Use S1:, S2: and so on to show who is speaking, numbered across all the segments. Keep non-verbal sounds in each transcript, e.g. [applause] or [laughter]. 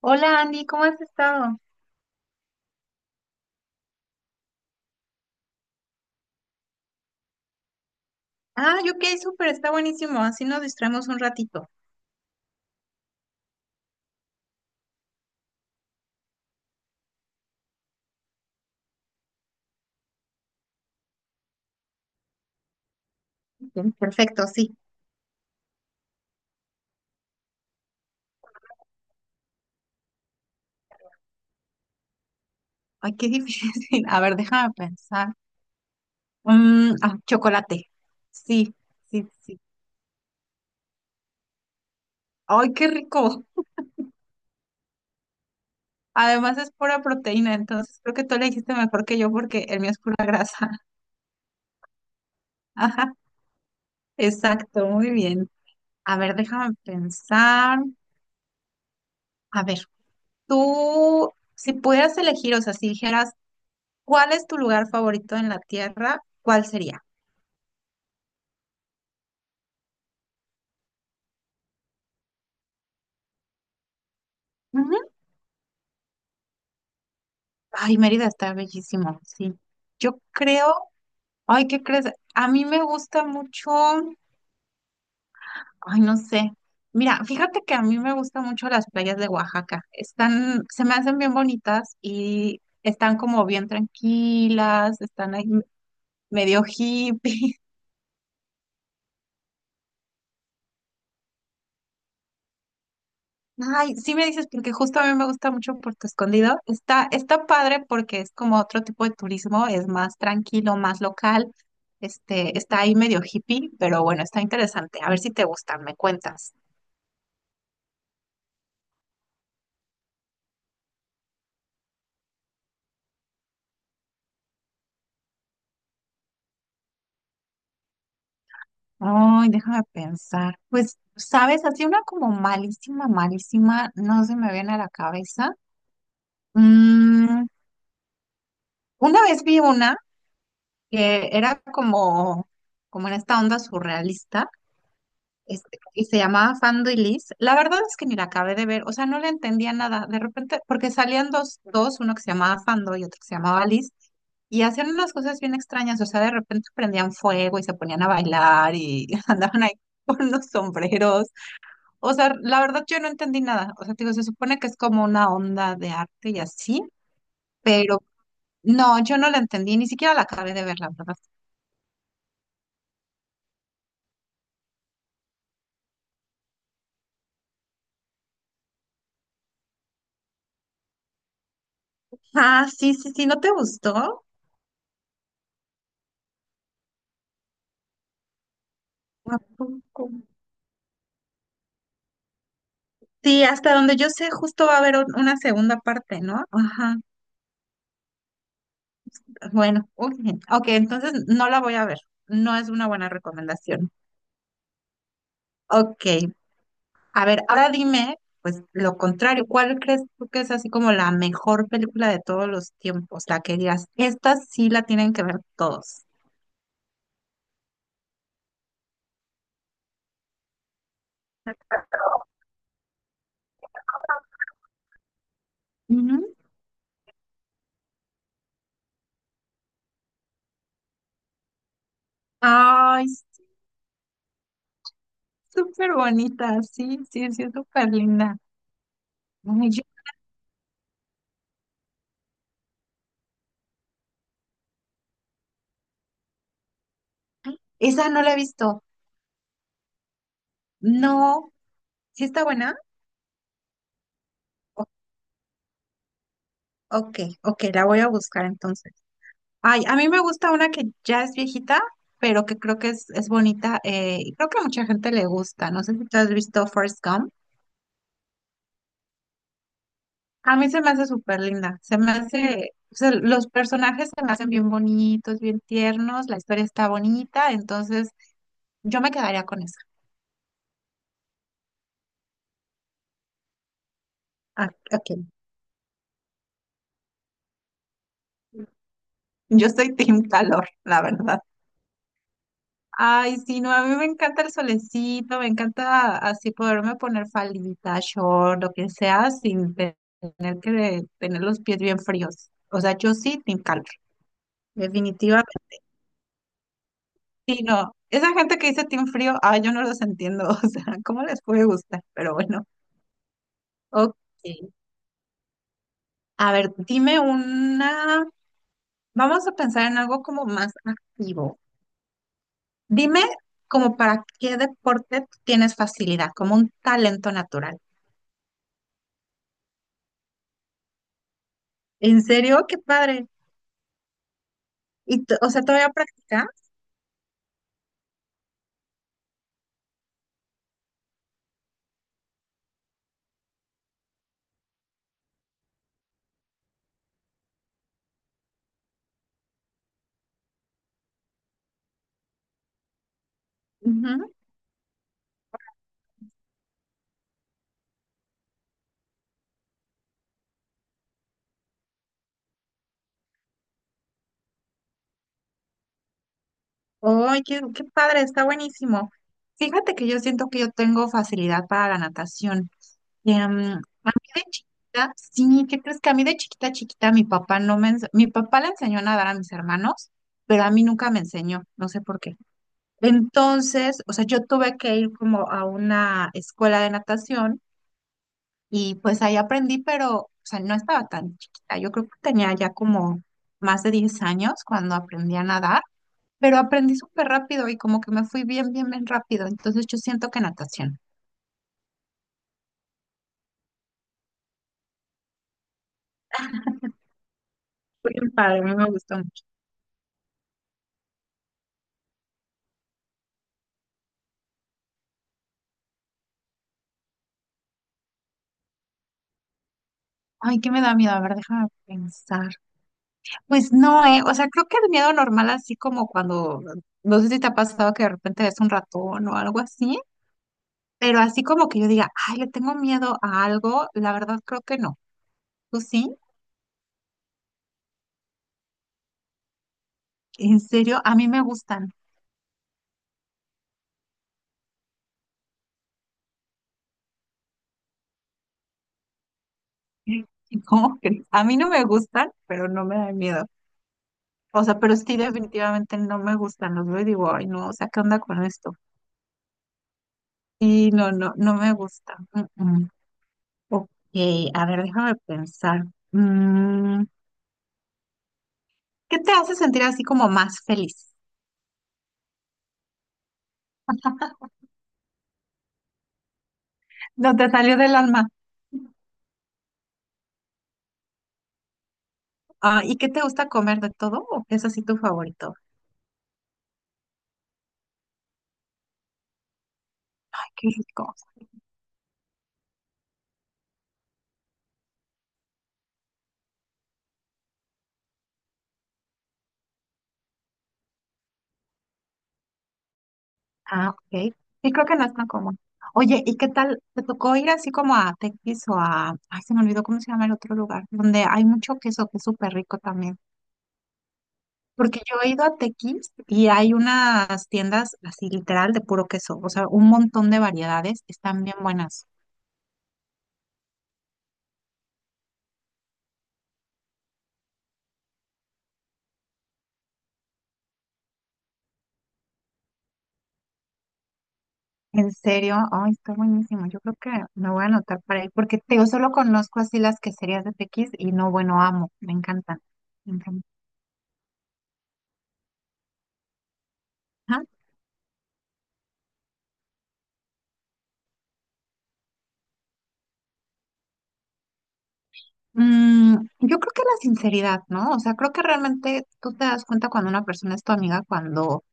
S1: Hola Andy, ¿cómo has estado? Ah, yo ok, súper, está buenísimo. Así nos distraemos un ratito. Bien, perfecto, sí. Ay, qué difícil. [laughs] A ver, déjame pensar. Ah, chocolate. Sí, sí, sí. Ay, qué rico. Además es pura proteína, entonces creo que tú le dijiste mejor que yo porque el mío es pura grasa. [laughs] Ajá, exacto, muy bien. A ver, déjame pensar. A ver, tú, si pudieras elegir, o sea, si dijeras, ¿cuál es tu lugar favorito en la Tierra? ¿Cuál sería? Ay, Mérida está bellísimo, sí. Yo creo, ay, ¿qué crees? A mí me gusta mucho, ay, no sé. Mira, fíjate que a mí me gustan mucho las playas de Oaxaca. Están, se me hacen bien bonitas y están como bien tranquilas, están ahí medio hippie. Ay, sí me dices, porque justo a mí me gusta mucho Puerto Escondido. Está, está padre porque es como otro tipo de turismo, es más tranquilo, más local. Este, está ahí medio hippie, pero bueno, está interesante. A ver si te gustan, me cuentas. Ay, déjame pensar. Pues, sabes, así una como malísima, malísima, no se me viene a la cabeza. Mm, una vez vi una que era como, como en esta onda surrealista. Este, y se llamaba Fando y Liz. La verdad es que ni la acabé de ver, o sea, no le entendía nada. De repente, porque salían dos, dos, uno que se llamaba Fando y otro que se llamaba Liz, y hacían unas cosas bien extrañas, o sea, de repente prendían fuego y se ponían a bailar y [laughs] andaban ahí con los sombreros. O sea, la verdad yo no entendí nada. O sea, te digo, se supone que es como una onda de arte y así, pero no, yo no la entendí, ni siquiera la acabé de ver, la verdad. Ah, sí, sí, sí, ¿no te gustó? ¿A poco? Sí, hasta donde yo sé, justo va a haber una segunda parte, ¿no? Ajá. Bueno, ok, ok, entonces no la voy a ver. No es una buena recomendación. Ok, a ver, ahora dime, pues lo contrario, ¿cuál crees tú que es así como la mejor película de todos los tiempos? La que digas, esta sí la tienen que ver todos. Ujú. Ay, súper bonita, sí, sí, sí, es súper linda. Ay, esa no la he visto. No, ¿sí está buena? O- Ok, ok, la voy a buscar entonces. Ay, a mí me gusta una que ya es viejita, pero que creo que es bonita. Y creo que a mucha gente le gusta. No sé si tú has visto First Gump. A mí se me hace súper linda. Se me hace, o sea, los personajes se me hacen bien bonitos, bien tiernos. La historia está bonita, entonces yo me quedaría con esa. Ah, ok. Yo soy Team Calor, la verdad. Ay, sí, no, a mí me encanta el solecito, me encanta así poderme poner faldita, short, lo que sea, sin te- tener que tener los pies bien fríos. O sea, yo sí, team calor, definitivamente. Sí, no, esa gente que dice team frío, ay, yo no los entiendo, [laughs] o sea, ¿cómo les puede gustar? Pero bueno, ok. A ver, dime una, vamos a pensar en algo como más activo. Dime como para qué deporte tienes facilidad, como un talento natural. ¿En serio? ¡Qué padre! Y, o sea, ¿todavía practicas? Ujú. ¡Ay, qué, qué padre! Está buenísimo. Fíjate que yo siento que yo tengo facilidad para la natación. Em, de chiquita, sí, ¿qué crees que a mí de chiquita, chiquita, mi papá no me, ens- mi papá le enseñó a nadar a mis hermanos, pero a mí nunca me enseñó, no sé por qué. Entonces, o sea, yo tuve que ir como a una escuela de natación. Y pues ahí aprendí, pero, o sea, no estaba tan chiquita. Yo creo que tenía ya como más de 10 años cuando aprendí a nadar, pero aprendí súper rápido y como que me fui bien, bien, bien rápido. Entonces yo siento que natación. Fue bien padre, a mí me gustó mucho. Ay, ¿qué me da miedo? A ver, déjame pensar. Pues no, O sea, creo que el miedo normal, así como cuando, no sé si te ha pasado que de repente ves un ratón o algo así, pero así como que yo diga, ay, le tengo miedo a algo, la verdad creo que no. ¿Tú sí? En serio, a mí me gustan. [laughs] ¿Cómo crees? A mí no me gustan, pero no me dan miedo. O sea, pero sí definitivamente no me gustan. Los veo y digo, ay, no, o sea, ¿qué onda con esto? Sí, no, no, no me gusta. Mm, mm. Ok, a ver, déjame pensar. Mm, ¿Qué te hace sentir así como más feliz? No te salió del alma. Ah, ¿y qué te gusta comer de todo? ¿O qué es así tu favorito? Ay, qué rico. Ah, ok. Sí, creo que no es tan común. Oye, ¿y qué tal? ¿Te tocó ir así como a Tequis o a... Ay, se me olvidó cómo se llama el otro lugar, donde hay mucho queso que es súper rico también. Porque yo he ido a Tequis y hay unas tiendas así literal de puro queso, o sea, un montón de variedades, están bien buenas. En serio, ay, está buenísimo. Yo creo que me voy a anotar para ir, porque te digo, solo conozco así las queserías de Tequis y no, bueno, amo, me encantan. Me encantan. Yo creo que la sinceridad, ¿no? O sea, creo que realmente tú te das cuenta cuando una persona es tu amiga, cuando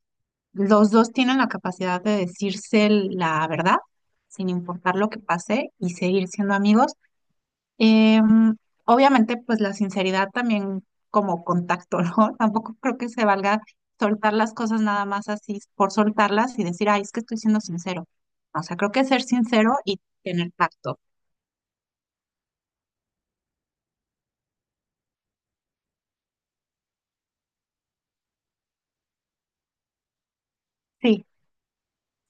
S1: los dos tienen la capacidad de decirse la verdad, sin importar lo que pase, y seguir siendo amigos. Em, obviamente, pues la sinceridad también como contacto, ¿no? [laughs] Tampoco creo que se valga soltar las cosas nada más así por soltarlas y decir, ay, es que estoy siendo sincero. O sea, creo que ser sincero y tener tacto. Sí,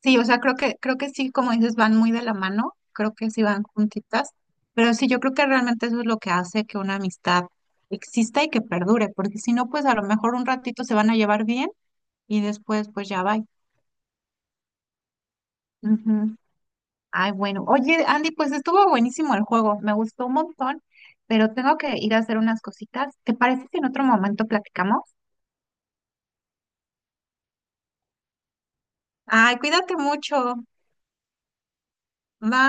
S1: sí, o sea, creo que sí, como dices, van muy de la mano, creo que sí van juntitas, pero sí, yo creo que realmente eso es lo que hace que una amistad exista y que perdure, porque si no, pues a lo mejor un ratito se van a llevar bien y después pues ya va. Ay, bueno. Oye, Andy, pues estuvo buenísimo el juego, me gustó un montón, pero tengo que ir a hacer unas cositas. ¿Te parece si en otro momento platicamos? Ay, cuídate mucho. Bye.